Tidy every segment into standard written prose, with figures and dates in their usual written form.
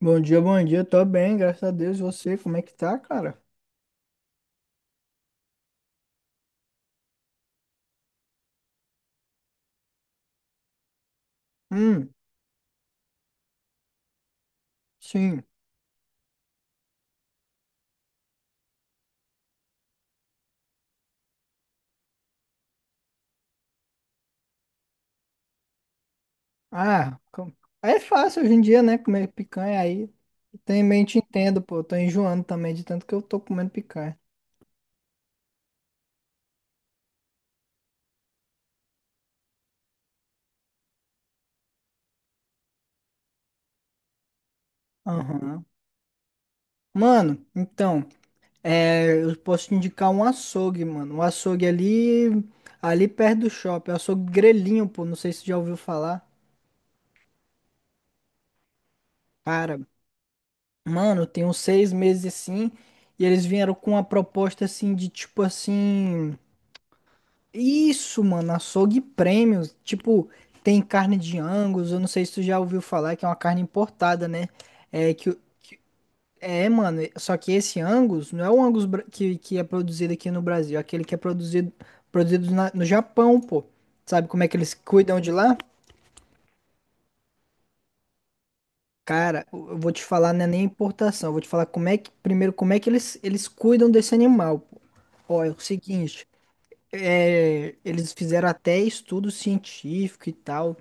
Bom dia, bom dia. Tô bem, graças a Deus. E Você, como é que tá, cara? Hum, sim. Ah, com- É fácil hoje em dia, né? Comer picanha aí. Também te entendo, pô. Tô enjoando também de tanto que eu tô comendo picanha. Aham. Mano, então, eu posso te indicar um açougue, mano. Um açougue ali, ali perto do shopping. Um açougue grelhinho, pô. Não sei se você já ouviu falar. Cara, mano, tem uns 6 meses assim. E eles vieram com uma proposta assim de tipo assim. Isso, mano, açougue premium. Tipo, tem carne de Angus, eu não sei se tu já ouviu falar que é uma carne importada, né? É que o- É, mano, só que esse Angus não é o Angus que é produzido aqui no Brasil, é aquele que é produzido no Japão, pô. Sabe como é que eles cuidam de lá? Cara, eu vou te falar, não é nem importação, eu vou te falar como é que primeiro como é que eles cuidam desse animal, pô. Ó, é o seguinte, eles fizeram até estudo científico e tal,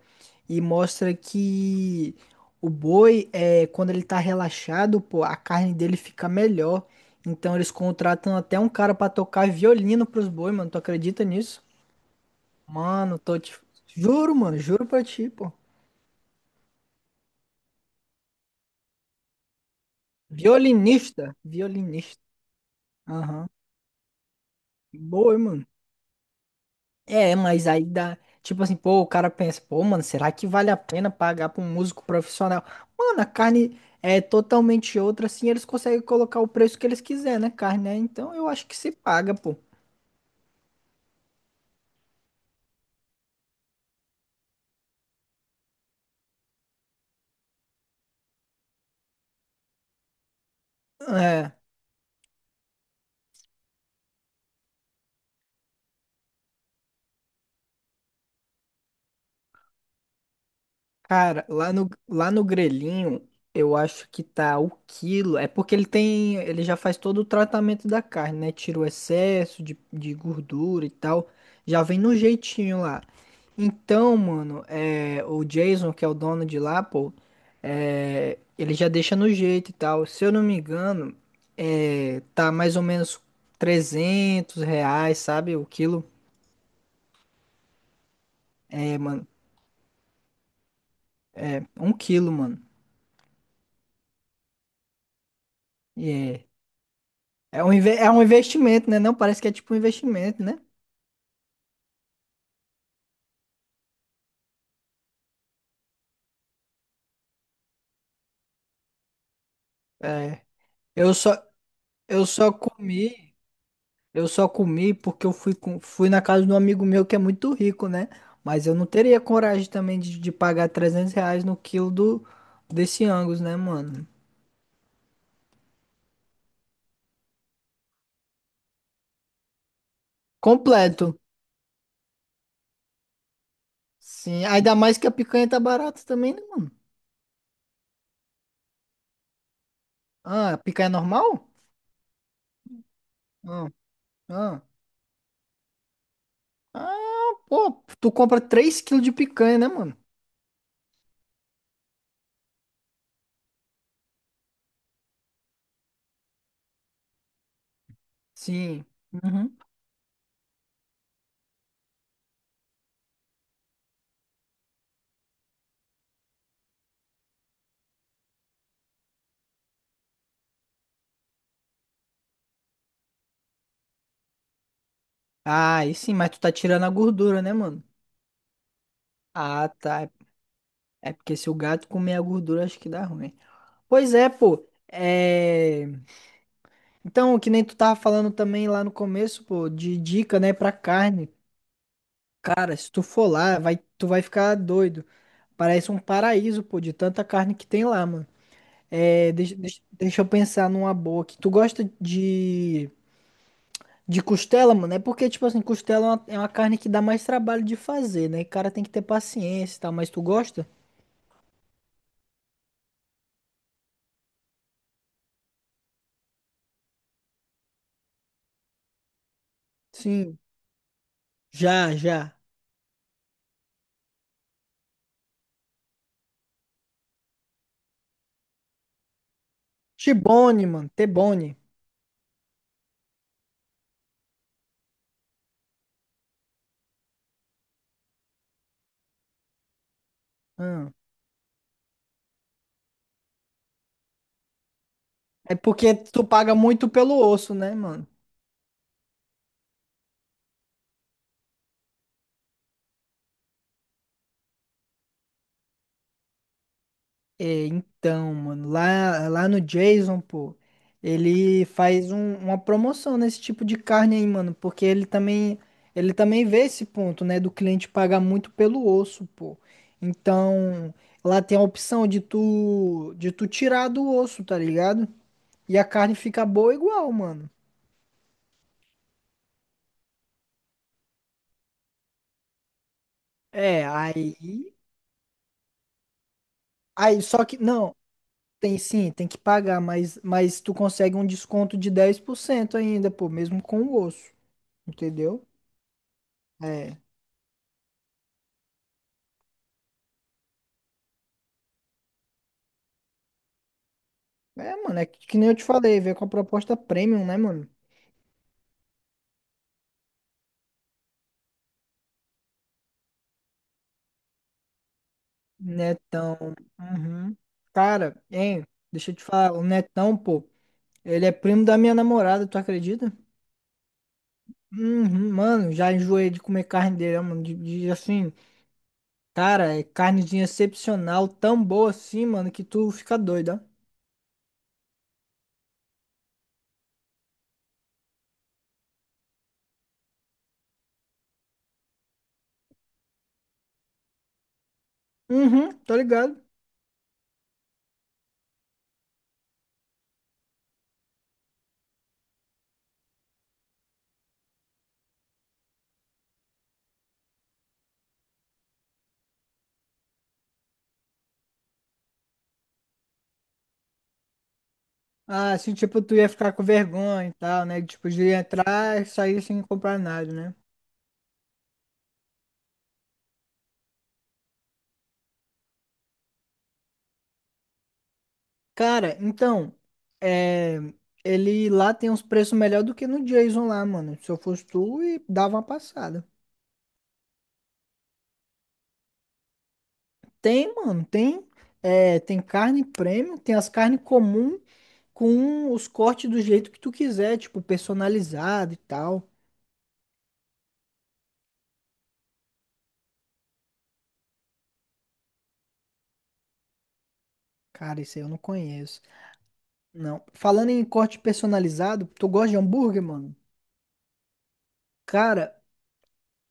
e mostra que o boi, quando ele tá relaxado, pô, a carne dele fica melhor. Então eles contratam até um cara pra tocar violino pros boi, mano. Tu acredita nisso? Mano, tô te... Juro, mano, juro pra ti, pô. Violinista, violinista. Aham. Boi, mano. É, mas aí dá. Tipo assim, pô, o cara pensa, pô, mano, será que vale a pena pagar pra um músico profissional? Mano, a carne é totalmente outra, assim, eles conseguem colocar o preço que eles quiser, né? Carne, né? Então eu acho que se paga, pô. É. Cara, lá no grelhinho, eu acho que tá o quilo. É porque ele tem, ele já faz todo o tratamento da carne, né? Tira o excesso de gordura e tal. Já vem no jeitinho lá. Então, mano, o Jason, que é o dono de lá, pô, ele já deixa no jeito e tal. Se eu não me engano, tá mais ou menos R$ 300, sabe? O quilo. É, mano, um quilo, mano. É. É um, é um investimento, né? Não parece que é tipo um investimento, né? É. Eu só, eu só comi, eu só comi porque eu fui, fui na casa de um amigo meu que é muito rico, né? Mas eu não teria coragem também de pagar R$ 300 no quilo do, desse Angus, né, mano? Completo. Sim, ainda mais que a picanha tá barata também, né, mano? Ah, a picanha normal? Ah, ah. Ah, pô, tu compra 3 quilos de picanha, né, mano? Sim. Uhum. Ah, aí sim, mas tu tá tirando a gordura, né, mano? Ah, tá. É porque se o gato comer a gordura, acho que dá ruim. Pois é, pô. É... Então, que nem tu tava falando também lá no começo, pô, de dica, né, pra carne. Cara, se tu for lá, vai, tu vai ficar doido. Parece um paraíso, pô, de tanta carne que tem lá, mano. É, deixa eu pensar numa boa aqui. Tu gosta de costela, mano? É porque, tipo assim, costela é uma carne que dá mais trabalho de fazer, né? O cara tem que ter paciência e tal, mas tu gosta? Sim, já, já. T-bone, mano, T-bone. Ah, é porque tu paga muito pelo osso, né, mano? É, então, mano, lá, lá no Jason, pô, ele faz uma promoção nesse tipo de carne aí, mano, porque ele também vê esse ponto, né, do cliente pagar muito pelo osso, pô. Então, lá tem a opção de tu tirar do osso, tá ligado? E a carne fica boa igual, mano. É, aí, aí, só que, não. Tem sim, tem que pagar, mas tu consegue um desconto de 10% ainda, pô, mesmo com o osso, entendeu? É, é, mano, é que nem eu te falei, veio com a proposta premium, né, mano? Netão, uhum. Cara, hein, deixa eu te falar, o Netão, pô, ele é primo da minha namorada, tu acredita? Uhum, mano, já enjoei de comer carne dele, ó, mano, assim, cara, é carnezinha excepcional, tão boa assim, mano, que tu fica doido, ó. Uhum, tô ligado. Ah, se tipo, tu ia ficar com vergonha e tal, né? Tipo, de entrar e sair sem comprar nada, né? Cara, então, é, ele lá tem uns preços melhor do que no Jason lá, mano. Se eu fosse tu, e dava uma passada. Tem, mano, tem, tem carne premium, tem as carnes comum com os cortes do jeito que tu quiser, tipo, personalizado e tal. Cara, isso aí eu não conheço. Não. Falando em corte personalizado, tu gosta de hambúrguer, mano? Cara,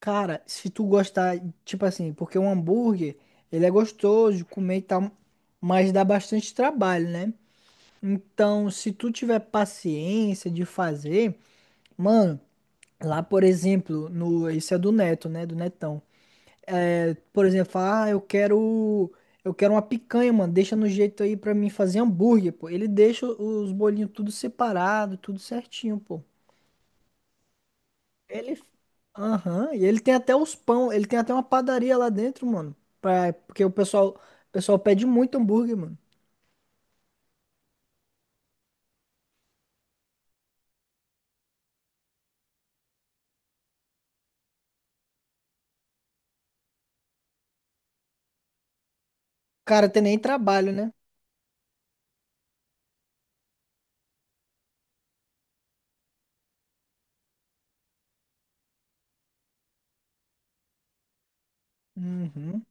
cara, se tu gostar, tipo assim, porque um hambúrguer, ele é gostoso de comer e tal, mas dá bastante trabalho, né? Então, se tu tiver paciência de fazer, mano, lá, por exemplo, no, isso é do Neto, né? Do Netão. É por exemplo, fala, ah, eu quero uma picanha, mano, deixa no jeito aí pra mim fazer hambúrguer, pô. Ele deixa os bolinhos tudo separado, tudo certinho, pô. Ele. Aham, e ele tem até os pão, ele tem até uma padaria lá dentro, mano. Pra... Porque o pessoal pede muito hambúrguer, mano. Cara tem nem trabalho, né? Uhum.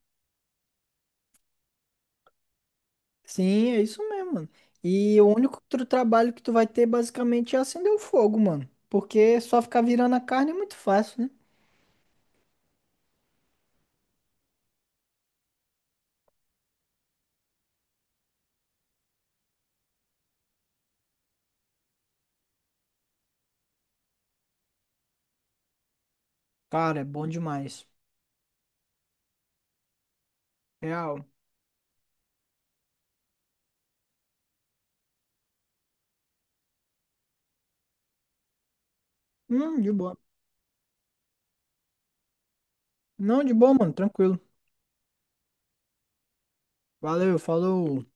Sim, é isso mesmo, mano. E o único outro trabalho que tu vai ter basicamente é acender o fogo, mano. Porque só ficar virando a carne é muito fácil, né? Cara, é bom demais. Real. De boa. Não, de boa, mano. Tranquilo. Valeu, falou.